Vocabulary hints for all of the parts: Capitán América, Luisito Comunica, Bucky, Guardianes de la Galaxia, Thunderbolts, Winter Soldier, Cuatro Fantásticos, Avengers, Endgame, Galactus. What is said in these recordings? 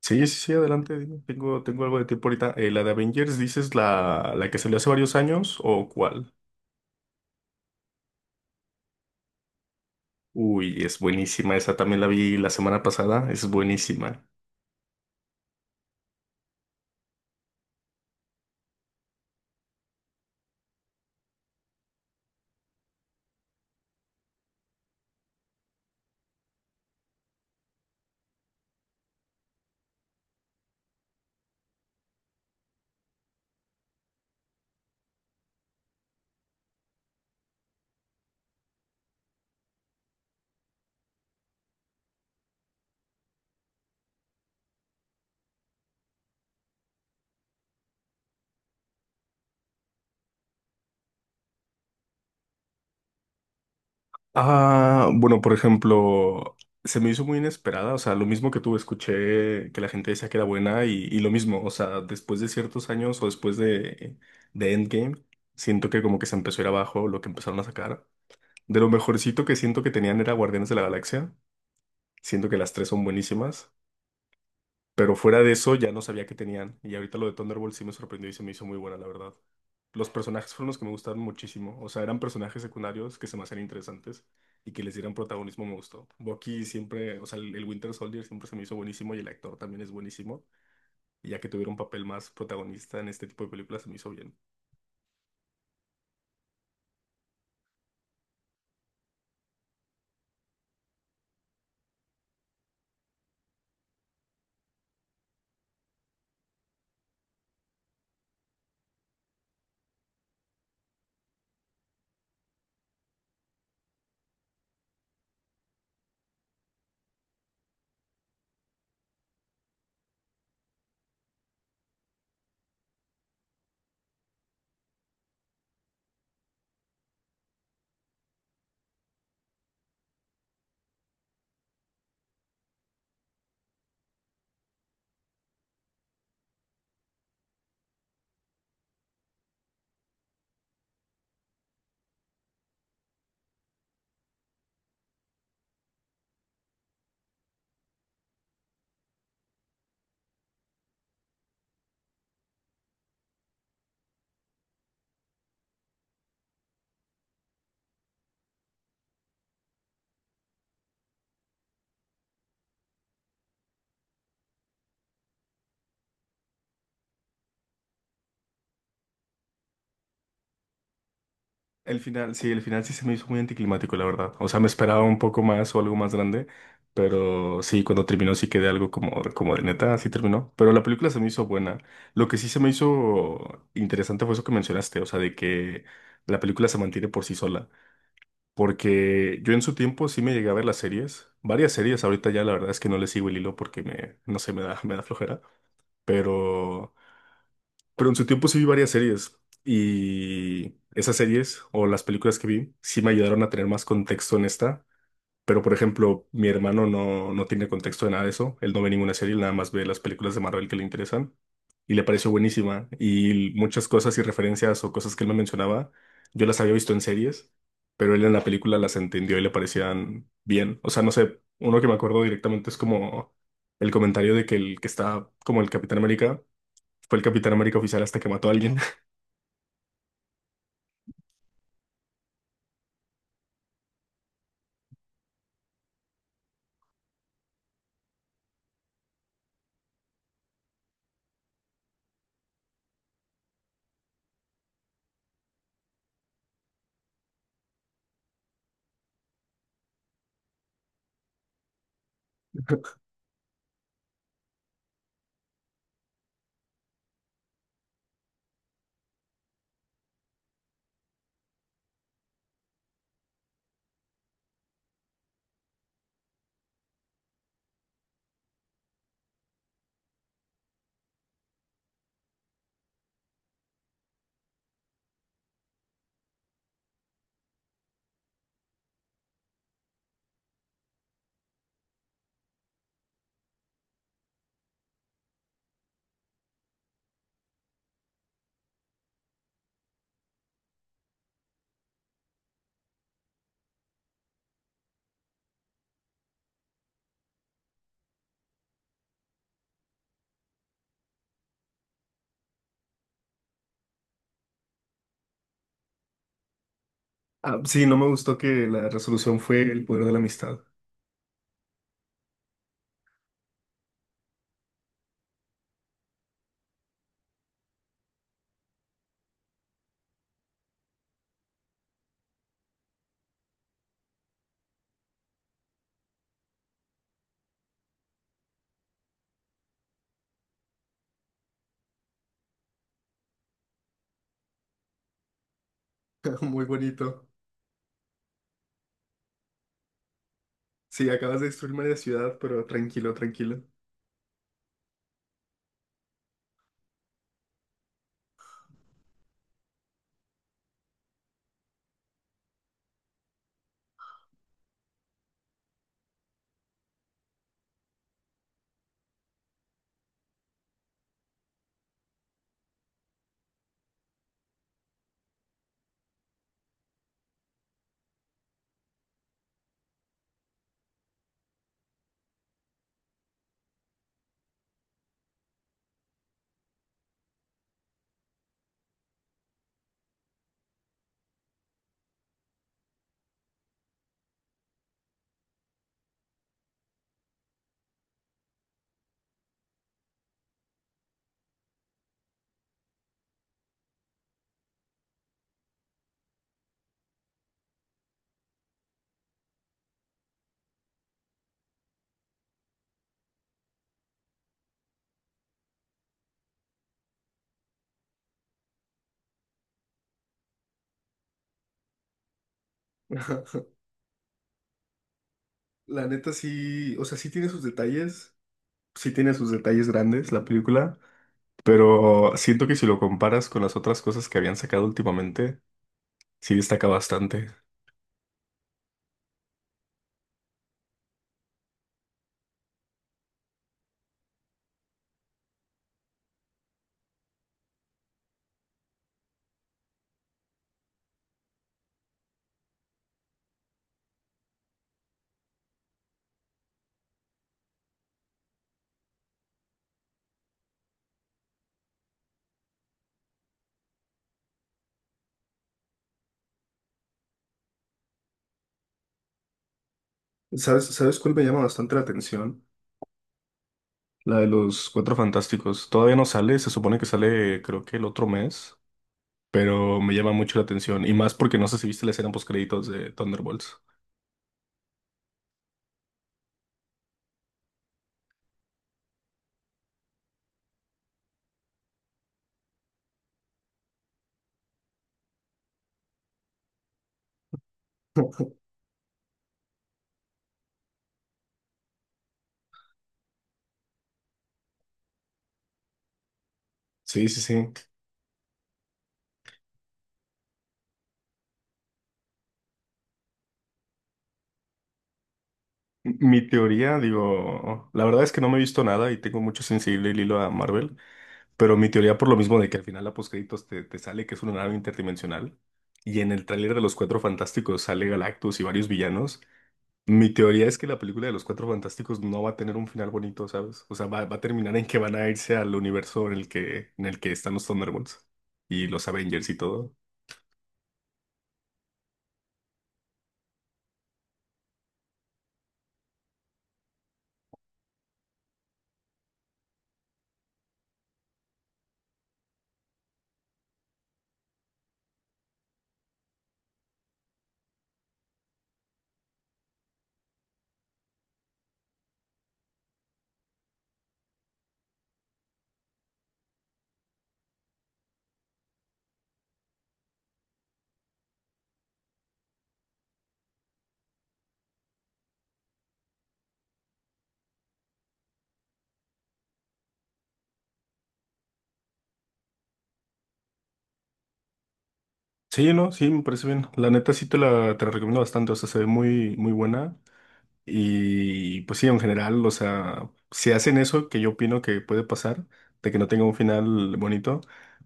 Sí, sí, sí, adelante. Dime. Tengo algo de tiempo ahorita. La de Avengers, ¿dices la que salió hace varios años o cuál? Uy, es buenísima. Esa también la vi la semana pasada. Es buenísima. Ah, bueno, por ejemplo, se me hizo muy inesperada. O sea, lo mismo que tú. Escuché que la gente decía que era buena y lo mismo. O sea, después de ciertos años o después de Endgame, siento que como que se empezó a ir abajo lo que empezaron a sacar. De lo mejorcito que siento que tenían era Guardianes de la Galaxia. Siento que las tres son buenísimas. Pero fuera de eso, ya no sabía que tenían. Y ahorita lo de Thunderbolt sí me sorprendió y se me hizo muy buena, la verdad. Los personajes fueron los que me gustaron muchísimo. O sea, eran personajes secundarios que se me hacían interesantes y que les dieran protagonismo me gustó. Bucky siempre, o sea, el Winter Soldier siempre se me hizo buenísimo y el actor también es buenísimo. Y ya que tuviera un papel más protagonista en este tipo de películas, se me hizo bien. El final sí se me hizo muy anticlimático, la verdad. O sea, me esperaba un poco más o algo más grande, pero sí, cuando terminó sí quedé algo como, como de neta, así terminó. Pero la película se me hizo buena. Lo que sí se me hizo interesante fue eso que mencionaste, o sea, de que la película se mantiene por sí sola. Porque yo en su tiempo sí me llegué a ver las series, varias series, ahorita ya la verdad es que no le sigo el hilo porque me, no sé, me da flojera, pero... Pero en su tiempo sí vi varias series y esas series o las películas que vi sí me ayudaron a tener más contexto en esta. Pero por ejemplo, mi hermano no, no tiene contexto de nada de eso. Él no ve ninguna serie, él nada más ve las películas de Marvel que le interesan y le pareció buenísima. Y muchas cosas y referencias o cosas que él me mencionaba, yo las había visto en series, pero él en la película las entendió y le parecían bien. O sea, no sé, uno que me acuerdo directamente es como el comentario de que el que está como el Capitán América. Fue el Capitán América oficial hasta que mató a alguien. Ah, sí, no me gustó que la resolución fue el poder de la amistad. Muy bonito. Sí, acabas de destruir media ciudad, pero tranquilo, tranquilo. Ajá. La neta sí, o sea, sí tiene sus detalles, sí tiene sus detalles grandes la película, pero siento que si lo comparas con las otras cosas que habían sacado últimamente, sí destaca bastante. ¿Sabes, sabes cuál me llama bastante la atención? La de los Cuatro Fantásticos. Todavía no sale, se supone que sale creo que el otro mes. Pero me llama mucho la atención. Y más porque no sé si viste la escena post créditos de Thunderbolts. Sí, sí, sí. Mi teoría, digo, la verdad es que no me he visto nada y tengo mucho sensible el hilo a Marvel, pero mi teoría por lo mismo de que al final la postcréditos te sale que es una nave interdimensional y en el tráiler de Los Cuatro Fantásticos sale Galactus y varios villanos, mi teoría es que la película de Los Cuatro Fantásticos no va a tener un final bonito, ¿sabes? O sea, va, va a terminar en que van a irse al universo en el que están los Thunderbolts y los Avengers y todo. Sí, no, sí, me parece bien. La neta sí te la recomiendo bastante, o sea, se ve muy, muy buena. Y pues sí, en general, o sea, si hacen eso, que yo opino que puede pasar, de que no tenga un final bonito,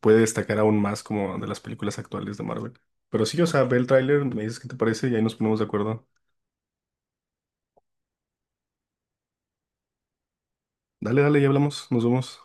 puede destacar aún más como de las películas actuales de Marvel. Pero sí, o sea, ve el tráiler, me dices qué te parece y ahí nos ponemos de acuerdo. Dale, dale, ya hablamos, nos vemos.